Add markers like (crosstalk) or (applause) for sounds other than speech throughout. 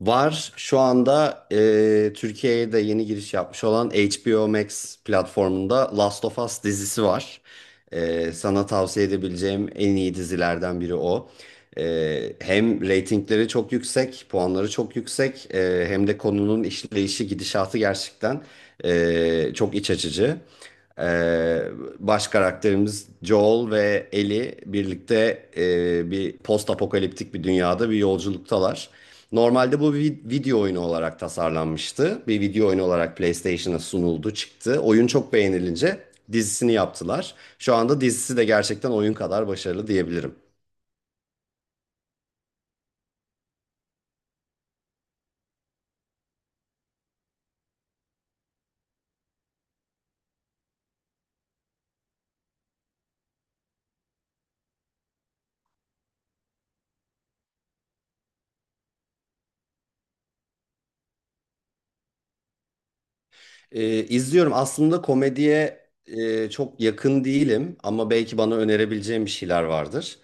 Var şu anda Türkiye'ye de yeni giriş yapmış olan HBO Max platformunda Last of Us dizisi var. Sana tavsiye edebileceğim en iyi dizilerden biri o. Hem reytingleri çok yüksek, puanları çok yüksek, hem de konunun işleyişi, gidişatı gerçekten çok iç açıcı. Ee, Baş karakterimiz Joel ve Ellie birlikte bir post apokaliptik bir dünyada bir yolculuktalar. Normalde bu bir video oyunu olarak tasarlanmıştı. Bir video oyunu olarak PlayStation'a sunuldu, çıktı. Oyun çok beğenilince dizisini yaptılar. Şu anda dizisi de gerçekten oyun kadar başarılı diyebilirim. İzliyorum. Aslında komediye çok yakın değilim ama belki bana önerebileceğim bir şeyler vardır.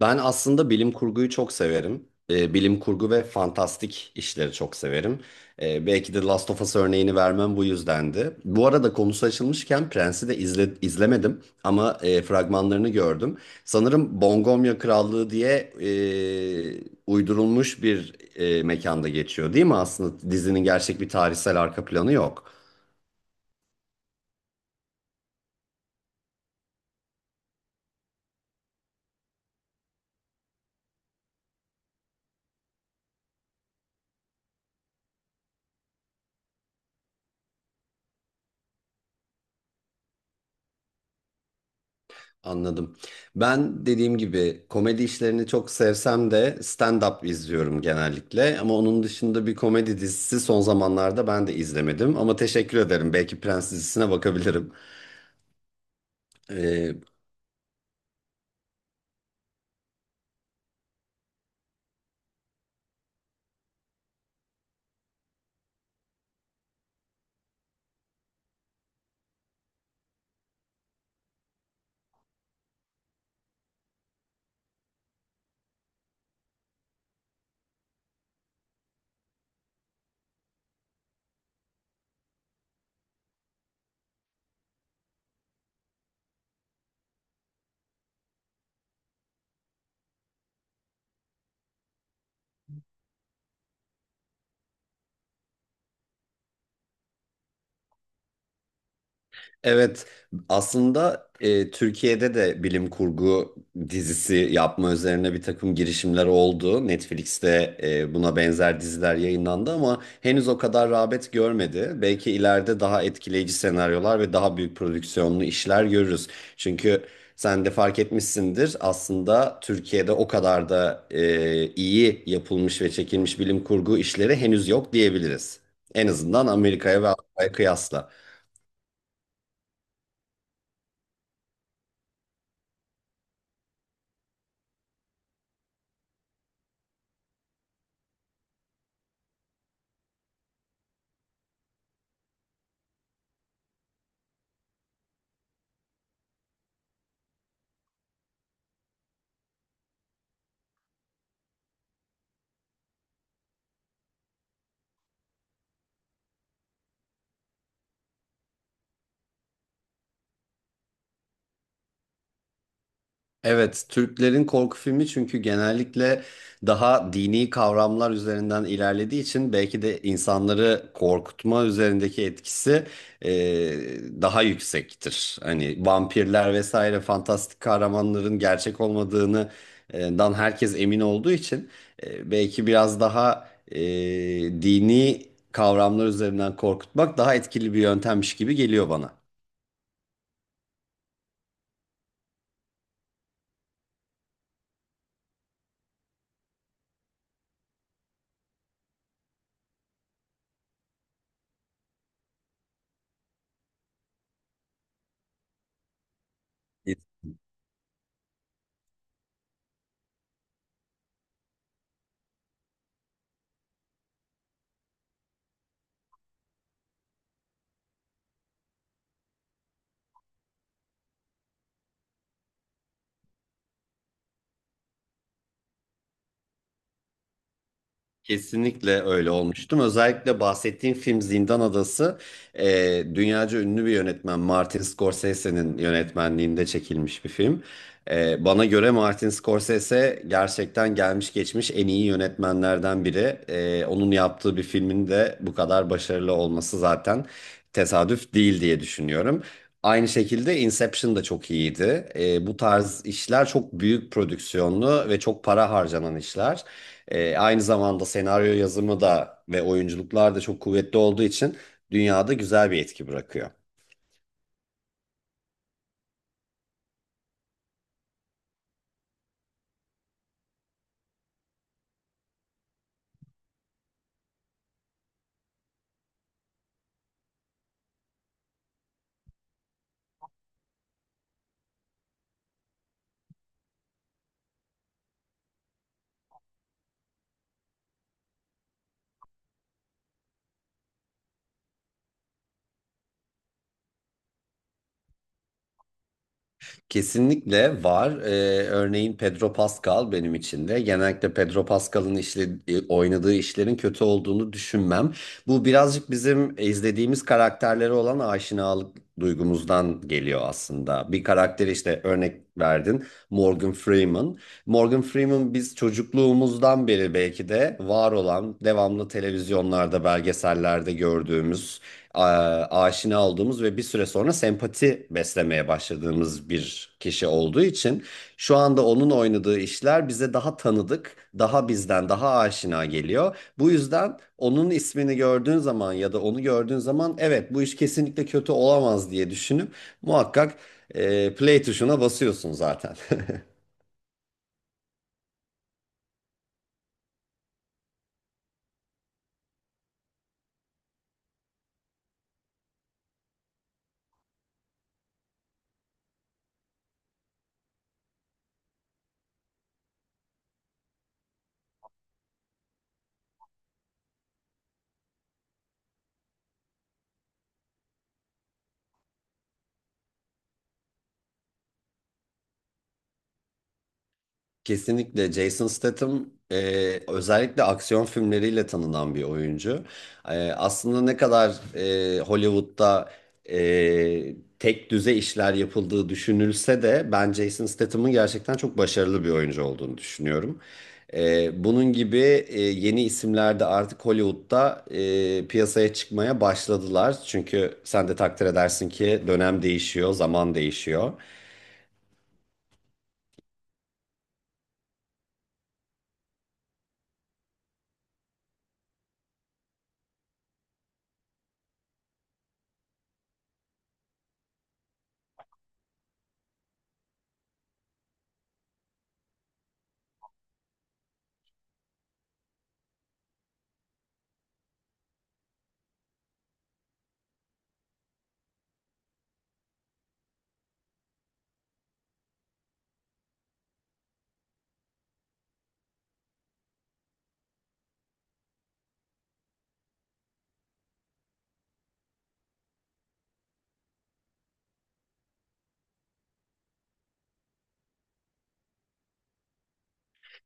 Ben aslında bilim kurguyu çok severim. Bilim kurgu ve fantastik işleri çok severim. Belki de Last of Us örneğini vermem bu yüzdendi. Bu arada konusu açılmışken Prens'i de izlemedim ama fragmanlarını gördüm. Sanırım Bongomya Krallığı diye uydurulmuş bir mekanda geçiyor, değil mi? Aslında dizinin gerçek bir tarihsel arka planı yok. Anladım. Ben dediğim gibi komedi işlerini çok sevsem de stand-up izliyorum genellikle. Ama onun dışında bir komedi dizisi son zamanlarda ben de izlemedim. Ama teşekkür ederim. Belki Prens dizisine bakabilirim. Ee, Evet, aslında Türkiye'de de bilim kurgu dizisi yapma üzerine bir takım girişimler oldu. Netflix'te buna benzer diziler yayınlandı ama henüz o kadar rağbet görmedi. Belki ileride daha etkileyici senaryolar ve daha büyük prodüksiyonlu işler görürüz. Çünkü sen de fark etmişsindir aslında Türkiye'de o kadar da iyi yapılmış ve çekilmiş bilim kurgu işleri henüz yok diyebiliriz. En azından Amerika'ya ve Avrupa'ya kıyasla. Evet, Türklerin korku filmi çünkü genellikle daha dini kavramlar üzerinden ilerlediği için belki de insanları korkutma üzerindeki etkisi e, daha yüksektir. Hani vampirler vesaire fantastik kahramanların gerçek olmadığını dan herkes emin olduğu için belki biraz daha dini kavramlar üzerinden korkutmak daha etkili bir yöntemmiş gibi geliyor bana. Kesinlikle öyle olmuştum. Özellikle bahsettiğim film Zindan Adası dünyaca ünlü bir yönetmen Martin Scorsese'nin yönetmenliğinde çekilmiş bir film. Bana göre Martin Scorsese gerçekten gelmiş geçmiş en iyi yönetmenlerden biri. Onun yaptığı bir filmin de bu kadar başarılı olması zaten tesadüf değil diye düşünüyorum. Aynı şekilde Inception da çok iyiydi. Bu tarz işler çok büyük prodüksiyonlu ve çok para harcanan işler. Aynı zamanda senaryo yazımı da ve oyunculuklar da çok kuvvetli olduğu için dünyada güzel bir etki bırakıyor. Kesinlikle var. Örneğin Pedro Pascal benim için de. Genellikle Pedro Pascal'ın oynadığı işlerin kötü olduğunu düşünmem. Bu birazcık bizim izlediğimiz karakterlere olan aşinalık duygumuzdan geliyor aslında. Bir karakteri işte örnek verdin Morgan Freeman. Morgan Freeman biz çocukluğumuzdan beri belki de var olan devamlı televizyonlarda, belgesellerde gördüğümüz aşina olduğumuz ve bir süre sonra sempati beslemeye başladığımız bir kişi olduğu için şu anda onun oynadığı işler bize daha tanıdık, daha bizden daha aşina geliyor. Bu yüzden onun ismini gördüğün zaman ya da onu gördüğün zaman evet bu iş kesinlikle kötü olamaz diye düşünüp muhakkak play tuşuna basıyorsun zaten. (laughs) Kesinlikle Jason Statham özellikle aksiyon filmleriyle tanınan bir oyuncu. Aslında ne kadar Hollywood'da tek düze işler yapıldığı düşünülse de ben Jason Statham'ın gerçekten çok başarılı bir oyuncu olduğunu düşünüyorum. Bunun gibi yeni isimler de artık Hollywood'da piyasaya çıkmaya başladılar. Çünkü sen de takdir edersin ki dönem değişiyor, zaman değişiyor.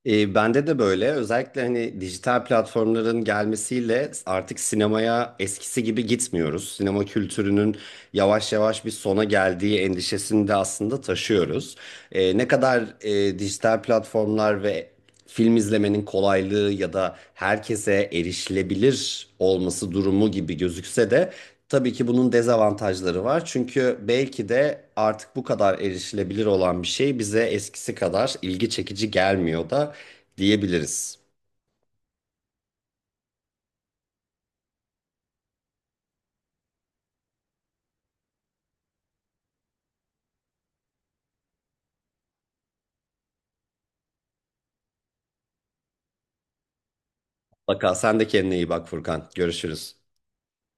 Bende de böyle. Özellikle hani dijital platformların gelmesiyle artık sinemaya eskisi gibi gitmiyoruz. Sinema kültürünün yavaş yavaş bir sona geldiği endişesini de aslında taşıyoruz. Ne kadar dijital platformlar ve film izlemenin kolaylığı ya da herkese erişilebilir olması durumu gibi gözükse de tabii ki bunun dezavantajları var. Çünkü belki de artık bu kadar erişilebilir olan bir şey bize eskisi kadar ilgi çekici gelmiyor da diyebiliriz. Mutlaka sen de kendine iyi bak, Furkan. Görüşürüz.